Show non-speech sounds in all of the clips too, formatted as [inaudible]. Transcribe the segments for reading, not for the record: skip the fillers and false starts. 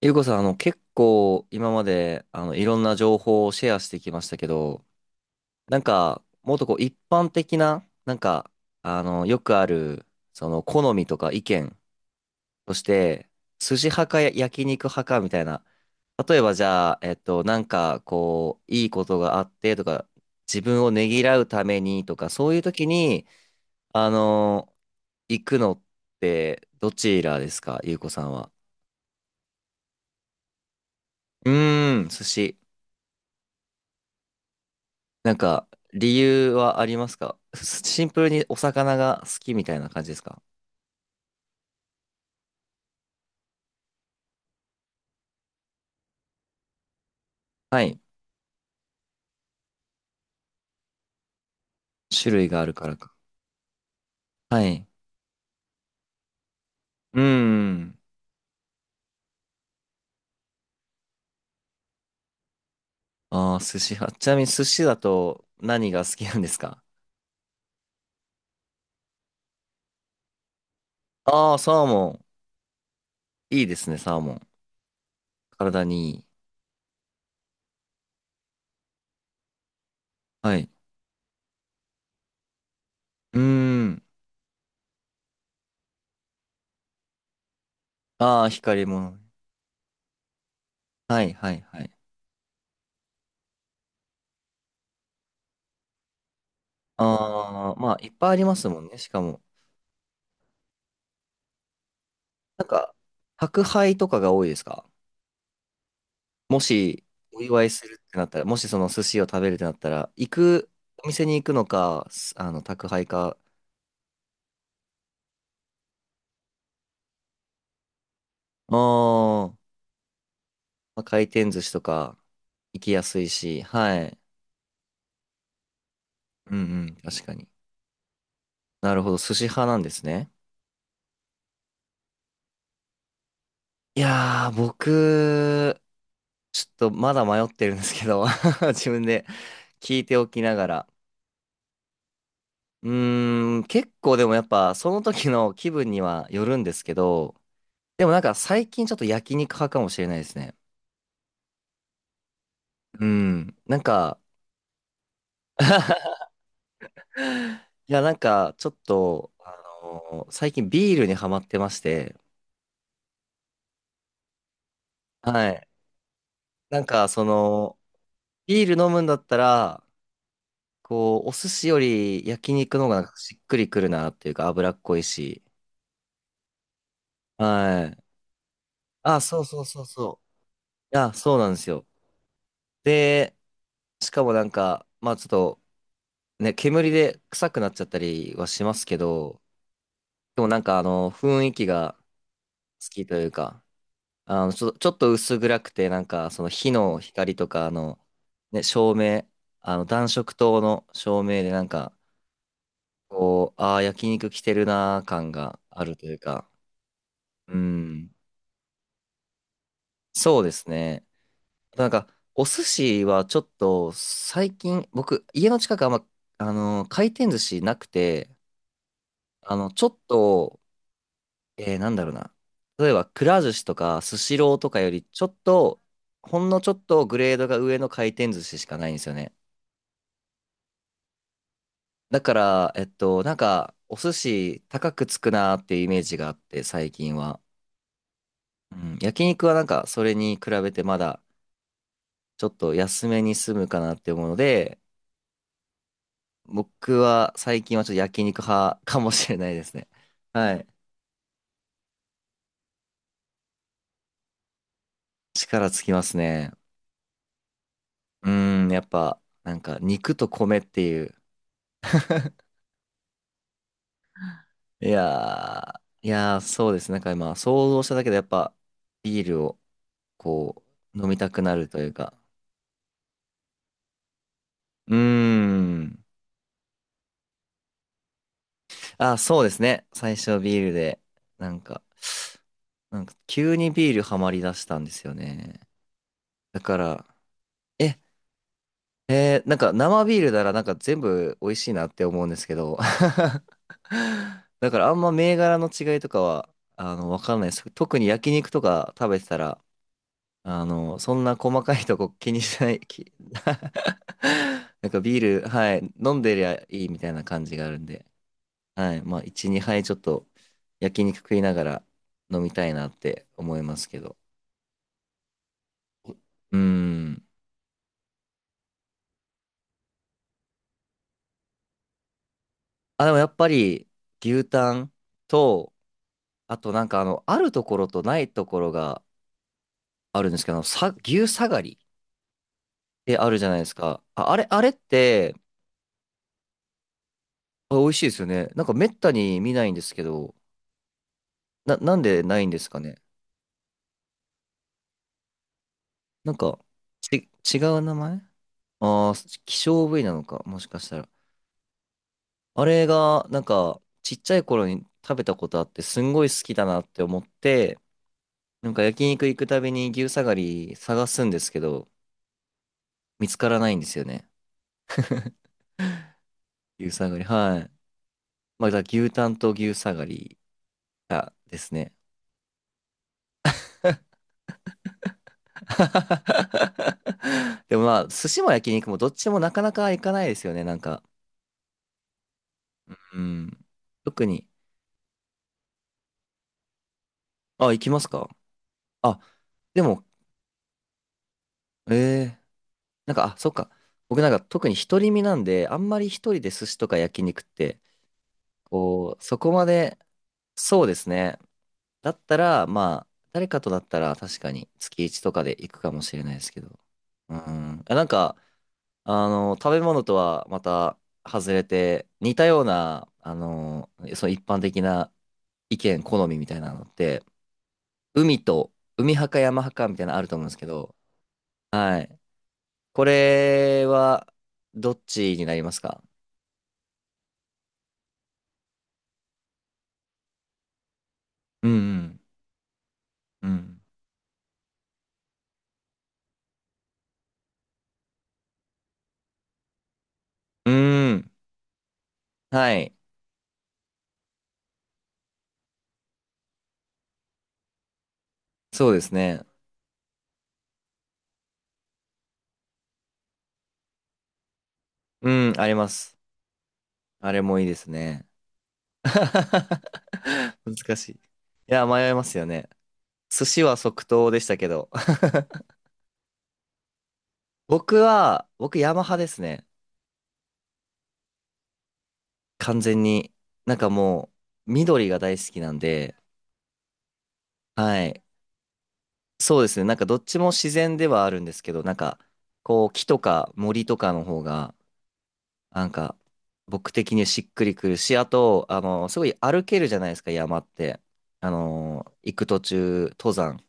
ゆうこさん、結構今まで、いろんな情報をシェアしてきましたけど、なんか、もっとこう、一般的な、なんか、よくある、その、好みとか意見として、筋派かや焼肉派かみたいな、例えばじゃあ、なんか、こう、いいことがあってとか、自分をねぎらうためにとか、そういう時に、あの、行くのって、どちらですか、ゆうこさんは。うーん、寿司。なんか、理由はありますか？シンプルにお魚が好きみたいな感じですか？はい。種類があるからか。はい。うん。ああ、寿司派。ちなみに寿司だと何が好きなんですか？ああー、サーモン。いいですね、サーモン。体にいい。はい。うーん。ああ、光り物。はい、はい、はい。ああ、まあ、いっぱいありますもんね、しかも。なんか、宅配とかが多いですか？もしお祝いするってなったら、もしその寿司を食べるってなったら、行く、お店に行くのか、すあの、宅配か、あー、まあ、回転寿司とか行きやすいし、はい。うんうん、確かに。なるほど、寿司派なんですね。いやー、僕、ちょっとまだ迷ってるんですけど、[laughs] 自分で聞いておきながら。うーん、結構でもやっぱ、その時の気分にはよるんですけど、でもなんか最近ちょっと焼肉派かもしれないですね。うん。なんか、[laughs] いや、なんか、ちょっと、最近ビールにハマってまして、はい。なんか、その、ビール飲むんだったら、こう、お寿司より焼肉の方がなんかしっくりくるなっていうか、脂っこいし。はい。あ、そうそうそうそう。いや、そうなんですよ。で、しかもなんか、まあちょっと、ね、煙で臭くなっちゃったりはしますけど、でもなんか、雰囲気が好きというか、ちょっと薄暗くて、なんか、その火の光とか、ね、照明、暖色灯の照明で、なんか、こう、ああ、焼肉来てるなー感があるというか、うん、そうですね。なんか、お寿司はちょっと、最近、僕、家の近くあんま、回転寿司なくて、ちょっと、なんだろうな。例えば、くら寿司とか、スシローとかより、ちょっと、ほんのちょっとグレードが上の回転寿司しかないんですよね。だから、なんか、お寿司高くつくなーっていうイメージがあって、最近は。うん、焼肉はなんか、それに比べてまだ、ちょっと安めに済むかなって思うので、僕は最近はちょっと焼肉派かもしれないですね。[laughs] はい。力つきますね。うーん、やっぱ、なんか、肉と米っていう。いやー、いやー、そうですね。なんか今、想像しただけでやっぱ、ビールを、こう、飲みたくなるというか。うーん。あ、そうですね。最初ビールで、なんか、なんか急にビールハマりだしたんですよね。だから、え、えーなんか生ビールならなんか全部美味しいなって思うんですけど、[laughs] だからあんま銘柄の違いとかは、わかんないです。特に焼肉とか食べてたら、そんな細かいとこ気にしない。 [laughs] なんかビール、はい、飲んでりゃいいみたいな感じがあるんで。はい。まあ、1、2杯ちょっと焼肉食いながら飲みたいなって思いますけど。うん。あ、でもやっぱり牛タンと、あとなんかあるところとないところがあるんですけど、あのさ、牛下がりってあるじゃないですか。あ、あれってあ、美味しいですよね。なんかめったに見ないんですけど、なんでないんですかね。なんか、ち、違う名前、ああー、希少部位なのか、もしかしたら。あれが、なんか、ちっちゃい頃に食べたことあって、すんごい好きだなって思って、なんか焼肉行くたびに牛下がり探すんですけど、見つからないんですよね。牛下がり。はい。まあ、だから牛タンと牛下がりがですね。[laughs] でもまあ、寿司も焼肉もどっちもなかなか行かないですよね、なんか。うん。特に。あ、行きますか？あ、でも、ええ、なんか、あ、そっか。僕なんか特に独り身なんで、あんまり一人で寿司とか焼肉って、こう、そこまで、そうですね。だったら、まあ、誰かとだったら確かに月1とかで行くかもしれないですけど。うん。あ、なんか、食べ物とはまた外れて、似たような、その一般的な意見、好みみたいなのって、海と、海派か山派かみたいなのあると思うんですけど、はい。これは、どっちになりますか？うんうん。うん。うーん。はい。そうですね。うん、あります。あれもいいですね。[laughs] 難しい。いや、迷いますよね。寿司は即答でしたけど。[laughs] 僕ヤマハですね。完全に。なんかもう、緑が大好きなんで、はい。そうですね。なんかどっちも自然ではあるんですけど、なんか、こう、木とか森とかの方が、なんか、僕的にしっくりくるし、あと、すごい歩けるじゃないですか、山って。行く途中、登山。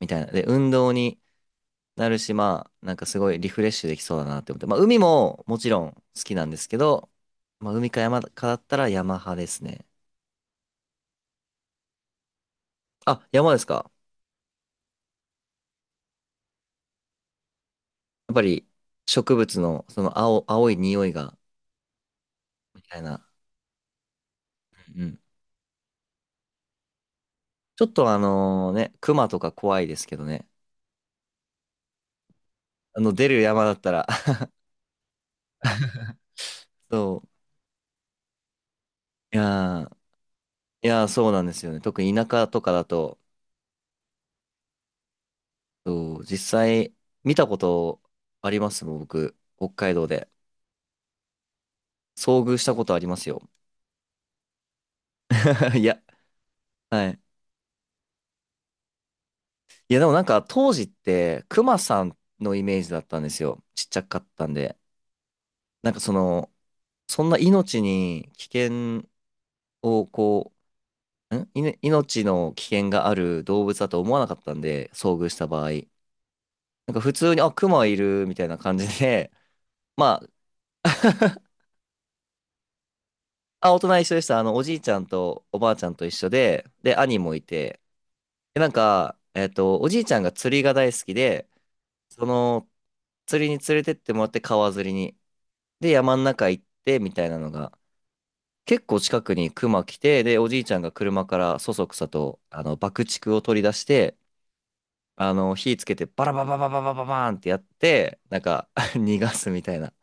みたいな。で、運動になるし、まあ、なんかすごいリフレッシュできそうだなって思って。まあ、海ももちろん好きなんですけど、まあ、海か山かだったら山派ですね。あ、山ですか？やっぱり植物のその青い匂いが、みたいな。うんうん。ちょっとあのね、熊とか怖いですけどね。あの、出る山だったら [laughs] そう。いやー、いやー、そうなんですよね。特に田舎とかだと、そう、実際見たことありますもん、僕、北海道で。遭遇したことありますよ。[laughs] いや、はい。いや、でもなんか当時って、クマさんのイメージだったんですよ。ちっちゃかったんで。なんかその、そんな命に危険をこう、んいね命の危険がある動物だと思わなかったんで、遭遇した場合。なんか普通に、あ、クマいるみたいな感じで、[laughs] まあ、あ、大人一緒でした。おじいちゃんとおばあちゃんと一緒で、で、兄もいて、で、なんか、おじいちゃんが釣りが大好きで、その、釣りに連れてってもらって川釣りに。で、山の中行ってみたいなのが、結構近くに熊来て、で、おじいちゃんが車からそそくさと、爆竹を取り出して、火つけてバラバラバラバラバラバーンってやって、なんか [laughs] 逃がすみたいな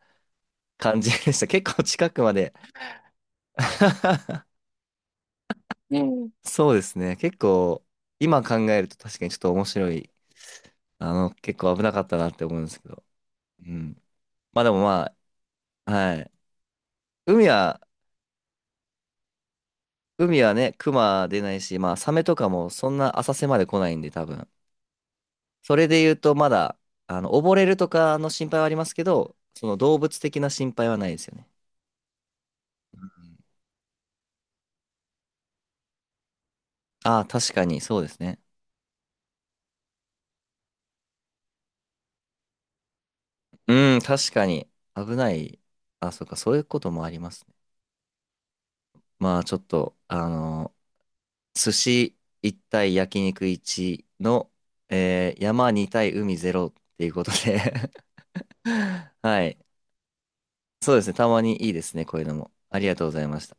感じでした。結構近くまで [laughs] そうですね。結構、今考えると確かにちょっと面白い。結構危なかったなって思うんですけど。うん。まあでもまあ、はい。海は海はね、クマ出ないし、まあ、サメとかもそんな浅瀬まで来ないんで、多分。それで言うと、まだ、溺れるとかの心配はありますけど、その動物的な心配はないですよね。ああー、確かに、そうですね。うん、確かに、危ない。あ、そうか、そういうこともありますね。まあ、ちょっと、寿司1対焼肉1の、山2対海0っていうことで [laughs] はい。そうですね、たまにいいですね、こういうのも。ありがとうございました。